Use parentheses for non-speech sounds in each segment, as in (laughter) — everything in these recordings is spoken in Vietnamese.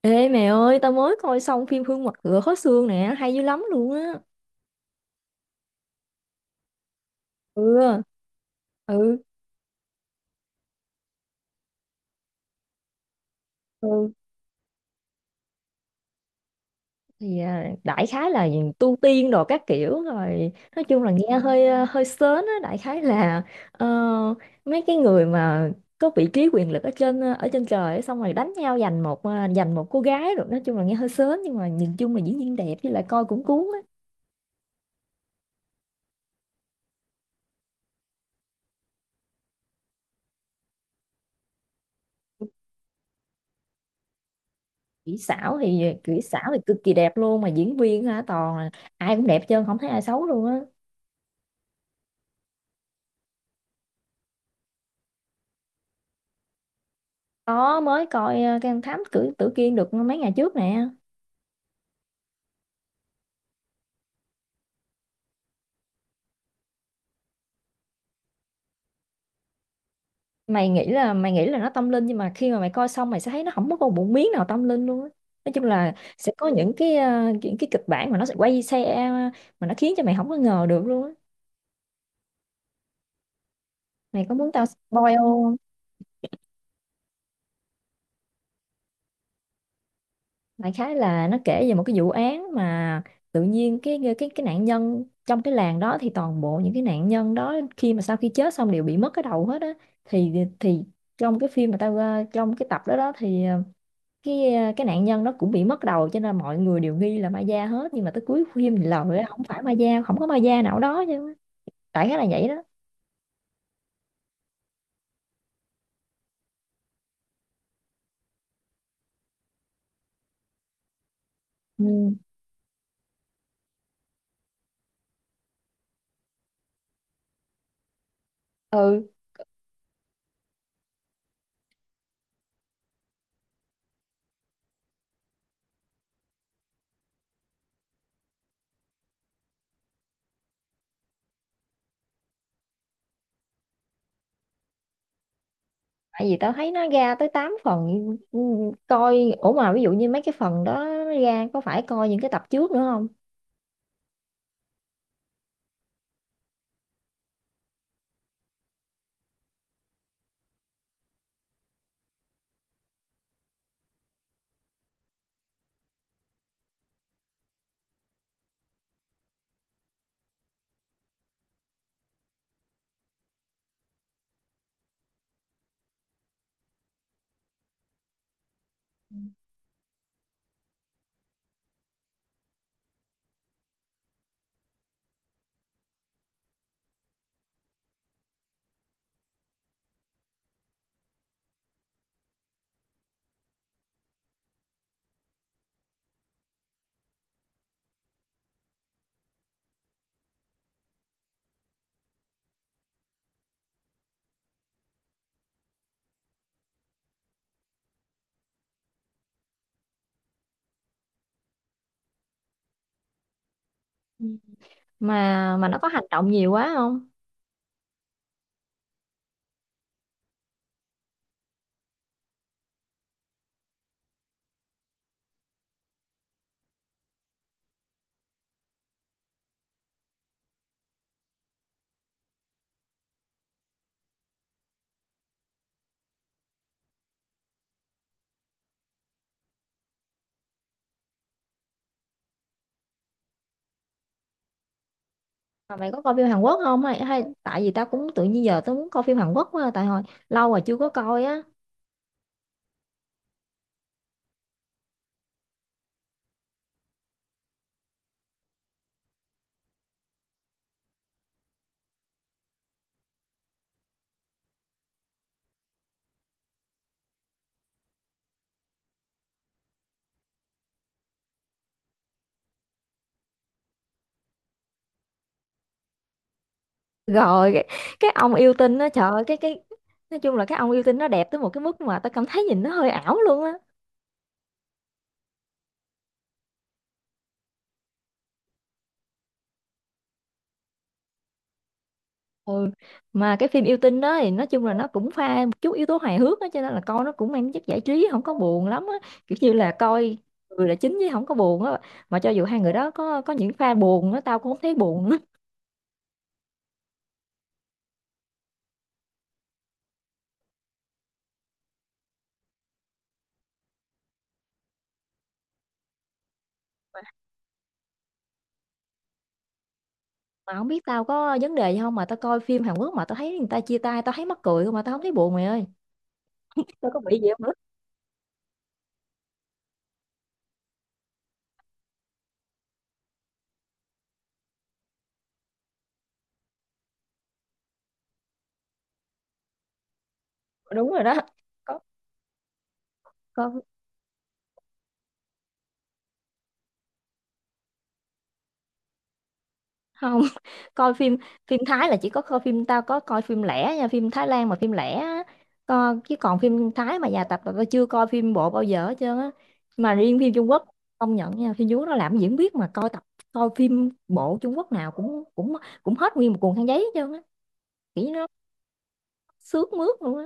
Ê mẹ ơi, tao mới coi xong phim Hương Mật Ngựa Khó Xương nè, hay dữ lắm luôn á. Ừ, ừ, ừ. Thì đại khái là tu tiên đồ các kiểu rồi. Nói chung là nghe hơi sến á, đại khái là ờ, mấy cái người mà có vị trí quyền lực ở trên trời ấy, xong rồi đánh nhau giành một cô gái rồi nói chung là nghe hơi sến nhưng mà nhìn chung là diễn viên đẹp với lại coi cũng cuốn á. Kỹ xảo thì cực kỳ đẹp luôn mà diễn viên hả toàn là ai cũng đẹp trơn không thấy ai xấu luôn á. Có mới coi cái con thám tử tử kiên được mấy ngày trước nè. Mày nghĩ là nó tâm linh nhưng mà khi mà mày coi xong mày sẽ thấy nó không có một miếng nào tâm linh luôn á. Nói chung là sẽ có những cái kịch bản mà nó sẽ quay xe mà nó khiến cho mày không có ngờ được luôn á. Mày có muốn tao spoil không? Đại khái là nó kể về một cái vụ án mà tự nhiên cái nạn nhân trong cái làng đó thì toàn bộ những cái nạn nhân đó khi mà sau khi chết xong đều bị mất cái đầu hết á. Thì thì trong cái phim mà trong cái tập đó đó thì cái nạn nhân nó cũng bị mất đầu cho nên mọi người đều nghi là ma da hết, nhưng mà tới cuối phim thì lời á, không phải ma da, không có ma da nào đó chứ, đại khái là vậy đó. Ừ, ừ. Tại vì tao thấy nó ra tới 8 phần. Ừ, coi ủa mà ví dụ như mấy cái phần đó nó ra có phải coi những cái tập trước nữa không? Ừ. Mà nó có hành động nhiều quá không? Mà mày có coi phim Hàn Quốc không, hay tại vì tao cũng tự nhiên giờ tao muốn coi phim Hàn Quốc quá à, tại hồi lâu rồi chưa có coi á. Rồi cái ông yêu tinh nó trời ơi cái nói chung là cái ông yêu tinh nó đẹp tới một cái mức mà tao cảm thấy nhìn nó hơi ảo luôn á. Ừ, mà cái phim yêu tinh đó thì nói chung là nó cũng pha một chút yếu tố hài hước á cho nên là coi nó cũng mang chất giải trí không có buồn lắm á, kiểu như là coi người là chính chứ không có buồn á. Mà cho dù hai người đó có những pha buồn á tao cũng không thấy buồn á. Mà không biết tao có vấn đề gì không mà tao coi phim Hàn Quốc mà tao thấy người ta chia tay tao thấy mắc cười không mà tao không thấy buồn mày ơi, tao có bị gì không nữa. Đúng rồi đó. Có. Có. Không. (laughs) coi phim Phim Thái là chỉ có coi phim, tao có coi phim lẻ nha, phim Thái Lan mà phim lẻ á. Chứ còn phim Thái mà dài tập là tao chưa coi phim bộ bao giờ hết trơn á. Mà riêng phim Trung Quốc công nhận nha, phim Trung Quốc nó làm diễn biết mà coi tập, coi phim bộ Trung Quốc nào cũng cũng cũng hết nguyên một cuộn khăn giấy hết trơn á, kỹ nó sướt mướt luôn á.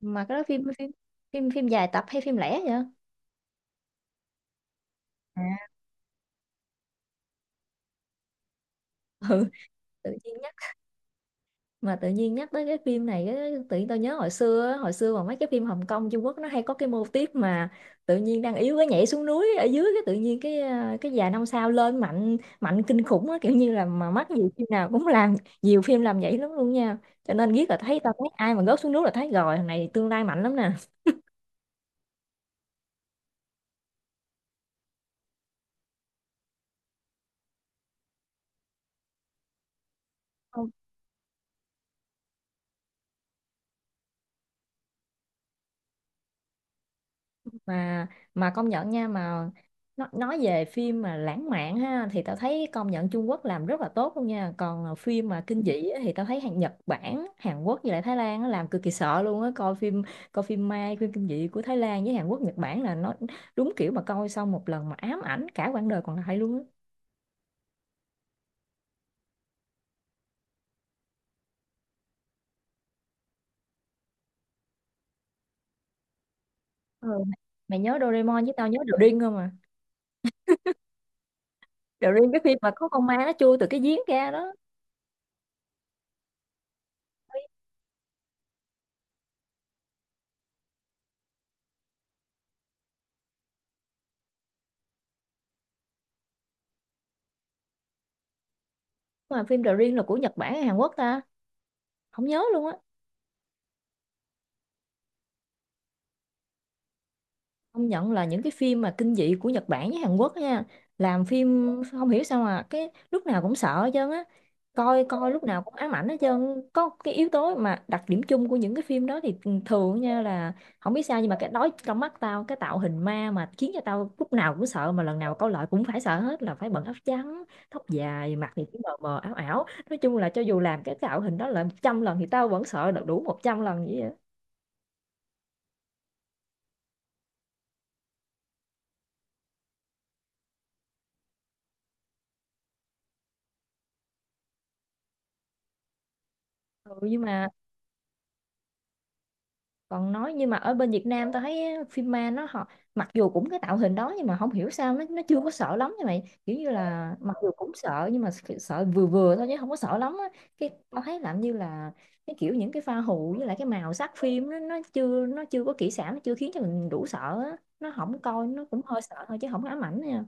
Mà cái đó phim phim phim phim dài tập hay phim lẻ vậy? À, ừ. Tự nhiên mà tự nhiên nhắc tới cái phim này á, tự nhiên tao nhớ hồi xưa á, hồi xưa mà mấy cái phim Hồng Kông Trung Quốc nó hay có cái mô típ mà tự nhiên đang yếu cái nhảy xuống núi ở dưới cái tự nhiên cái già năm sao lên mạnh mạnh kinh khủng á, kiểu như là mà mắc nhiều phim nào cũng làm, nhiều phim làm vậy lắm luôn nha, cho nên biết là thấy, tao thấy ai mà rớt xuống núi là thấy rồi thằng này tương lai mạnh lắm nè. Mà mà công nhận nha, mà nó nói về phim mà lãng mạn ha thì tao thấy công nhận Trung Quốc làm rất là tốt luôn nha. Còn phim mà kinh dị á thì tao thấy hàng Nhật Bản, Hàn Quốc với lại Thái Lan á làm cực kỳ sợ luôn á. Coi phim ma, phim kinh dị của Thái Lan với Hàn Quốc, Nhật Bản là nó đúng kiểu mà coi xong một lần mà ám ảnh cả quãng đời còn lại luôn á. Ừ. Mày nhớ Doraemon với tao nhớ The Ring không à? The Ring cái phim mà có con ma nó chui từ cái giếng ra đó. Mà phim The Ring là của Nhật Bản hay Hàn Quốc ta, không nhớ luôn á. Công nhận là những cái phim mà kinh dị của Nhật Bản với Hàn Quốc nha, làm phim không hiểu sao mà cái lúc nào cũng sợ hết trơn á, coi coi lúc nào cũng ám ảnh hết trơn. Có cái yếu tố mà đặc điểm chung của những cái phim đó thì thường nha là không biết sao nhưng mà cái đó trong mắt tao, cái tạo hình ma mà khiến cho tao lúc nào cũng sợ mà lần nào coi lại cũng phải sợ hết là phải bận áo trắng, tóc dài, mặt thì cứ mờ mờ ảo ảo, nói chung là cho dù làm cái tạo hình đó là 100 lần thì tao vẫn sợ được đủ 100 lần vậy á. Ừ, nhưng mà còn nói nhưng mà ở bên Việt Nam tao thấy á, phim ma nó họ mặc dù cũng cái tạo hình đó nhưng mà không hiểu sao nó chưa có sợ lắm như mày, kiểu như là mặc dù cũng sợ nhưng mà sợ vừa vừa thôi chứ không có sợ lắm á. Cái tao thấy làm như là cái kiểu những cái pha hù với lại cái màu sắc phim nó chưa có kỹ xảo, nó chưa khiến cho mình đủ sợ á, nó không coi nó cũng hơi sợ thôi chứ không có ám ảnh nha.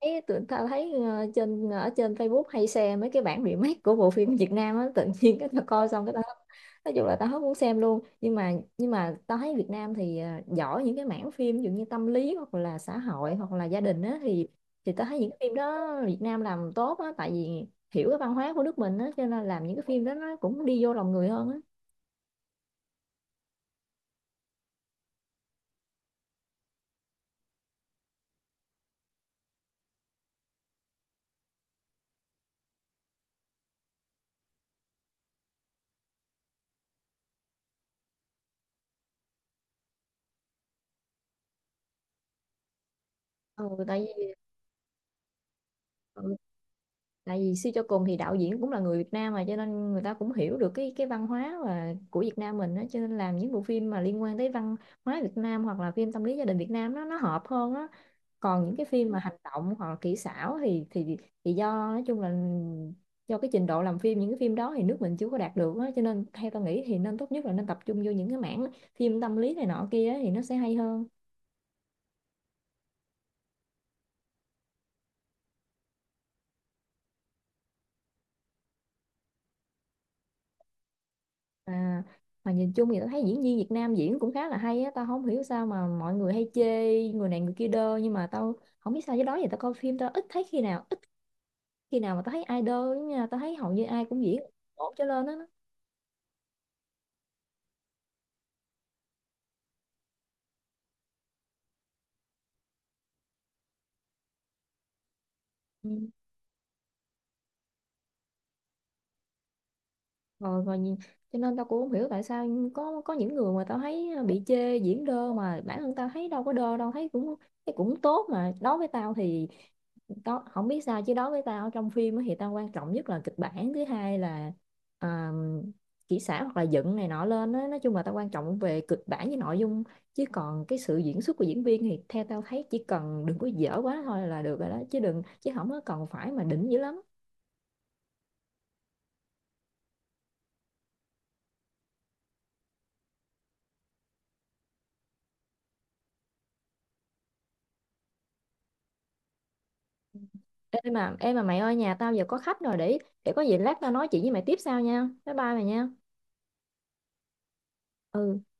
Thấy tụi ta thấy ở trên Facebook hay xem mấy cái bản remake của bộ phim Việt Nam á, tự nhiên cái tao coi xong cái tao nói chung là tao hết muốn xem luôn. Nhưng mà tao thấy Việt Nam thì giỏi những cái mảng phim ví dụ như tâm lý hoặc là xã hội hoặc là gia đình á, thì tao thấy những cái phim đó Việt Nam làm tốt á tại vì hiểu cái văn hóa của nước mình á cho nên làm những cái phim đó nó cũng đi vô lòng người hơn á. ừ, tại vì ừ, tại vì suy cho cùng thì đạo diễn cũng là người Việt Nam mà cho nên người ta cũng hiểu được cái văn hóa và của Việt Nam mình đó, cho nên làm những bộ phim mà liên quan tới văn hóa Việt Nam hoặc là phim tâm lý gia đình Việt Nam nó hợp hơn á. Còn những cái phim mà hành động hoặc là kỹ xảo thì do nói chung là do cái trình độ làm phim những cái phim đó thì nước mình chưa có đạt được á, cho nên theo tao nghĩ thì nên tốt nhất là nên tập trung vô những cái mảng phim tâm lý này nọ kia á, thì nó sẽ hay hơn. À, mà nhìn chung thì tôi thấy diễn viên Việt Nam diễn cũng khá là hay á, tao không hiểu sao mà mọi người hay chê người này người kia đơ, nhưng mà tao không biết sao, với đó giờ tao coi phim tao ít khi nào mà tao thấy ai đơ lắm nha, tao thấy hầu như ai cũng diễn ổn trở lên á. Ừ. Rồi, rồi. Cho nên tao cũng không hiểu tại sao có những người mà tao thấy bị chê diễn đơ mà bản thân tao thấy đâu có đơ đâu, thấy cũng tốt mà. Đối với tao thì đó không biết sao chứ, đối với tao trong phim á thì tao quan trọng nhất là kịch bản, thứ hai là à, kỹ xảo hoặc là dựng này nọ lên á, nói chung là tao quan trọng về kịch bản với nội dung chứ còn cái sự diễn xuất của diễn viên thì theo tao thấy chỉ cần đừng có dở quá thôi là được rồi đó, chứ đừng, chứ không có cần phải mà đỉnh dữ lắm. Em mà mày ơi, nhà tao giờ có khách rồi, để có gì lát tao nói chuyện với mày tiếp sau nha, bye bye mày nha. Ừ.